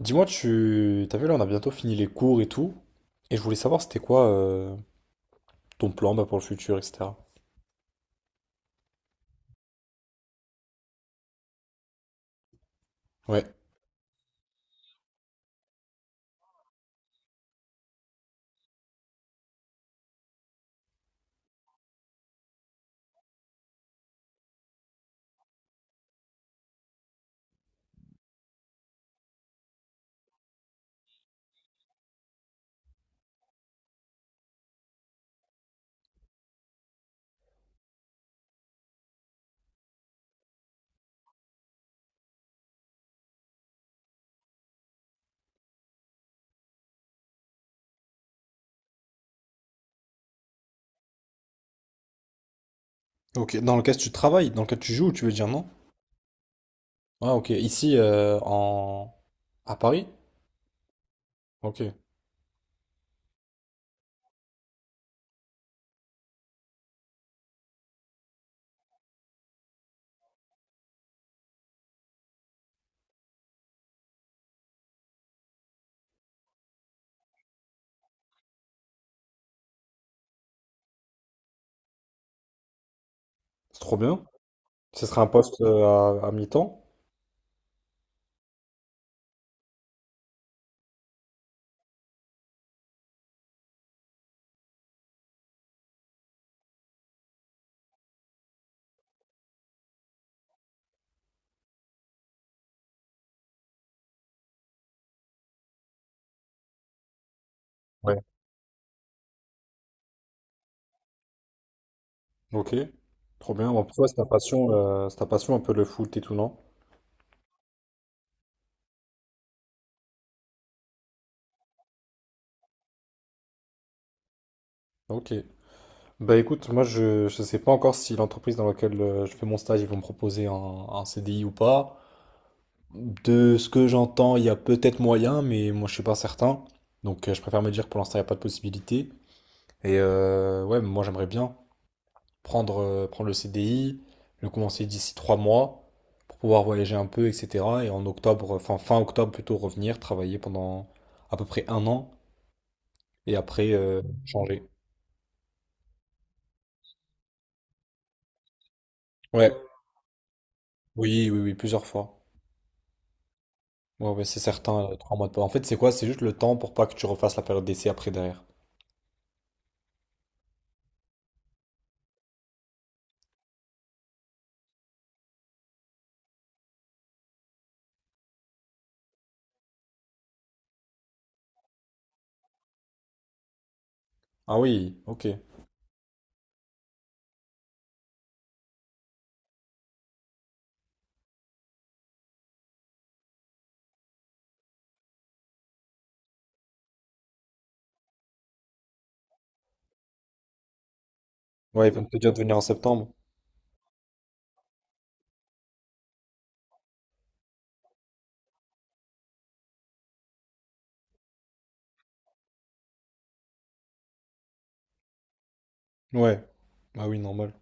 Dis-moi, tu t'as vu là, on a bientôt fini les cours et tout, et je voulais savoir c'était quoi ton plan pour le futur, etc. Ouais. Ok. Dans lequel tu travailles, dans lequel tu joues, tu veux dire non? Ah ok. Ici en à Paris? Ok. C'est trop bien. Ce serait un poste à mi-temps? Ouais. Ok. Trop bien. Bon, pour toi, c'est ta passion un peu le foot et tout, non? Ok. Bah écoute, moi je sais pas encore si l'entreprise dans laquelle je fais mon stage ils vont me proposer un CDI ou pas. De ce que j'entends, il y a peut-être moyen, mais moi je suis pas certain. Donc je préfère me dire que pour l'instant il n'y a pas de possibilité. Et ouais, moi j'aimerais bien prendre, prendre le CDI, le commencer d'ici 3 mois pour pouvoir voyager un peu, etc. Et en octobre, enfin fin octobre plutôt, revenir, travailler pendant à peu près 1 an et après changer. Ouais, oui, oui, oui, plusieurs fois. Ouais, ouais, c'est certain, 3 mois de pause. En fait, c'est quoi? C'est juste le temps pour pas que tu refasses la période d'essai après derrière. Ah oui, ok. Ouais, ils vont te dire de venir en septembre. Ouais. Ah oui, normal.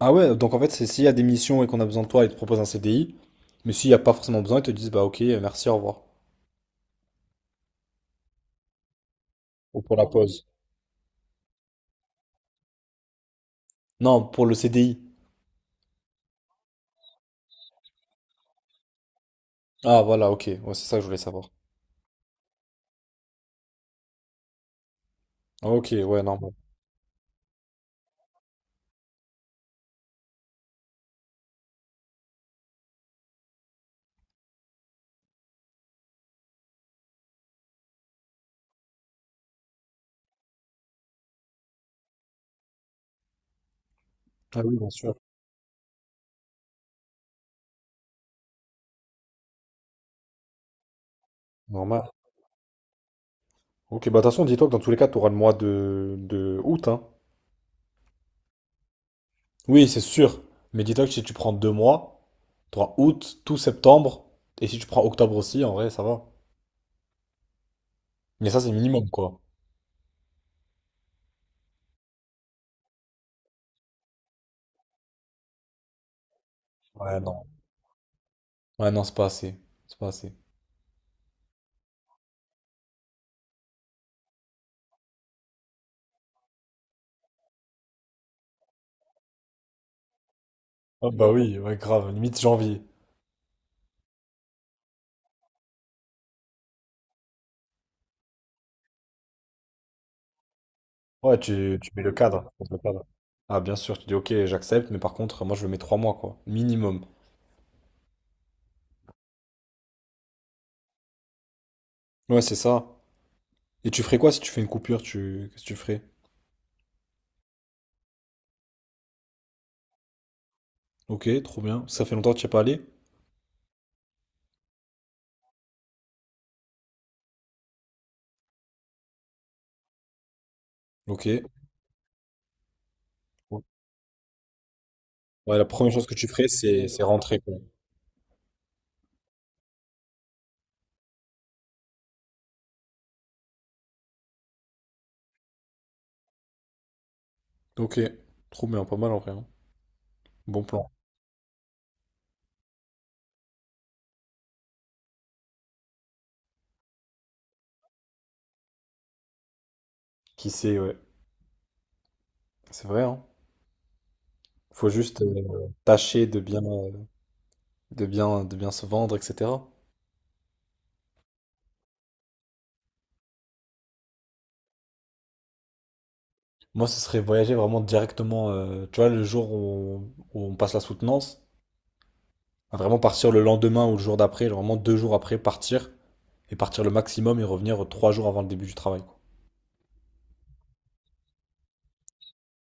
Ah ouais, donc en fait, c'est s'il y a des missions et qu'on a besoin de toi, ils te proposent un CDI. Mais s'il n'y a pas forcément besoin, ils te disent, bah ok, merci, au revoir. Ou pour la pause. Non, pour le CDI. Ah voilà, ok. Ouais, c'est ça que je voulais savoir. Ah, ok, ouais, normal. Ah oui, bien sûr. Normal. Ok, bah de toute façon, dis-toi que dans tous les cas, tu auras le mois de août, hein. Oui, c'est sûr. Mais dis-toi que si tu prends 2 mois, tu auras août, tout septembre. Et si tu prends octobre aussi, en vrai, ça va. Mais ça, c'est minimum, quoi. Ouais, non. Ouais, non, c'est pas assez. C'est pas assez. Ah bah oui, ouais, grave, limite janvier. Ouais, tu mets le cadre, tu poses le cadre. Ah bien sûr, tu dis ok, j'accepte, mais par contre, moi je le mets 3 mois, quoi. Minimum. Ouais, c'est ça. Et tu ferais quoi si tu fais une coupure, tu... Qu'est-ce que tu ferais? Ok, trop bien. Ça fait longtemps que tu n'y es pas allé? Ok. Ouais, la première chose que tu ferais, c'est rentrer, quoi. Ok, trop bien, pas mal en vrai. Hein. Bon plan. Qui sait, ouais. C'est vrai, hein. Faut juste tâcher de bien, de bien se vendre, etc. Moi, ce serait voyager vraiment directement, tu vois, le jour où on, où on passe la soutenance, à vraiment partir le lendemain ou le jour d'après, genre vraiment 2 jours après, partir, et partir le maximum et revenir 3 jours avant le début du travail, quoi.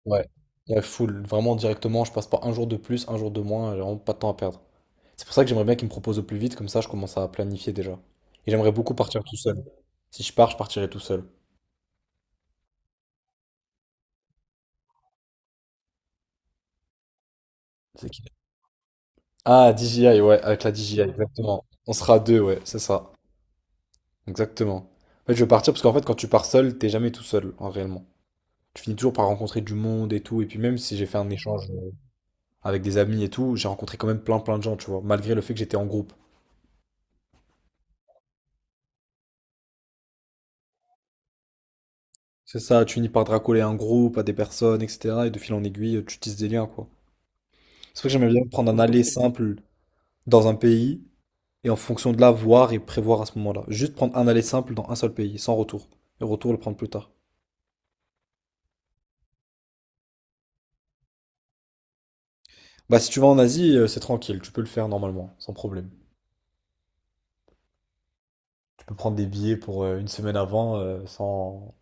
Ouais. Ouais, full, vraiment directement, je passe pas un jour de plus, un jour de moins, j'ai vraiment pas de temps à perdre. C'est pour ça que j'aimerais bien qu'ils me proposent au plus vite, comme ça je commence à planifier déjà. Et j'aimerais beaucoup partir tout seul. Si je pars, je partirai tout seul. C'est qui? Ah, DJI, ouais, avec la DJI, exactement. On sera deux, ouais, c'est ça. Exactement. En fait, je veux partir parce qu'en fait, quand tu pars seul, t'es jamais tout seul, en réellement. Tu finis toujours par rencontrer du monde et tout. Et puis même si j'ai fait un échange avec des amis et tout, j'ai rencontré quand même plein de gens, tu vois, malgré le fait que j'étais en groupe. C'est ça, tu finis par te racoler à un groupe, à des personnes, etc. Et de fil en aiguille, tu tisses des liens, quoi. C'est pour ça que j'aimerais bien prendre un aller simple dans un pays et en fonction de là, voir et prévoir à ce moment-là. Juste prendre un aller simple dans un seul pays, sans retour. Et retour, le prendre plus tard. Bah, si tu vas en Asie, c'est tranquille, tu peux le faire normalement, sans problème. Tu peux prendre des billets pour 1 semaine avant sans,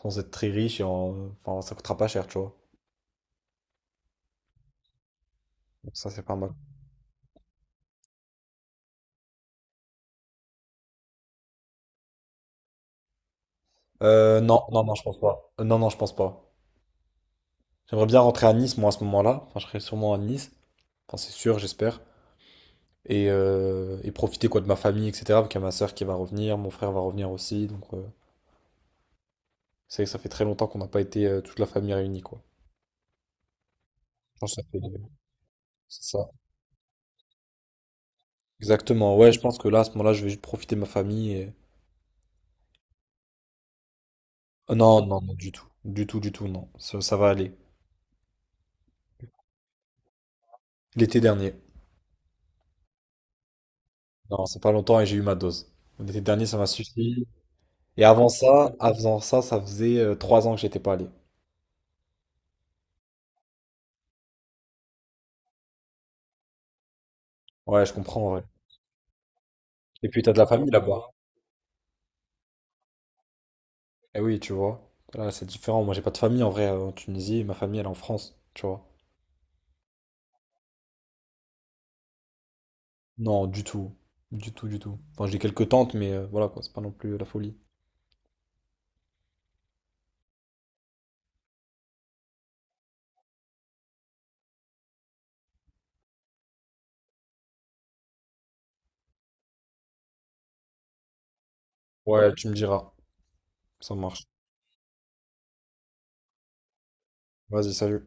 sans être très riche et en- enfin, ça coûtera pas cher, tu vois. Donc ça, c'est pas mal. Non, non, non, je pense pas. Non, non, je pense pas. J'aimerais bien rentrer à Nice, moi, à ce moment-là. Enfin, je serai sûrement à Nice. Enfin, c'est sûr, j'espère. Et profiter quoi de ma famille, etc. Parce qu'il y a ma soeur qui va revenir, mon frère va revenir aussi. Donc, c'est vrai que ça fait très longtemps qu'on n'a pas été toute la famille réunie, quoi. Je pense que ça fait... c'est ça. Exactement. Ouais, je pense que là, à ce moment-là, je vais juste profiter de ma famille. Et- non, non, non, du tout. Du tout, du tout, non. Ça va aller. L'été dernier. Non, c'est pas longtemps et j'ai eu ma dose. L'été dernier, ça m'a suffi. Et avant ça, ça faisait 3 ans que j'étais pas allé. Ouais, je comprends en vrai. Et puis t'as de la famille là-bas. Eh oui, tu vois. Là, c'est différent. Moi, j'ai pas de famille en vrai en Tunisie. Ma famille, elle est en France, tu vois. Non, du tout. Du tout, du tout. Enfin, j'ai quelques tantes, mais voilà quoi, c'est pas non plus la folie. Ouais, tu me diras. Ça marche. Vas-y, salut.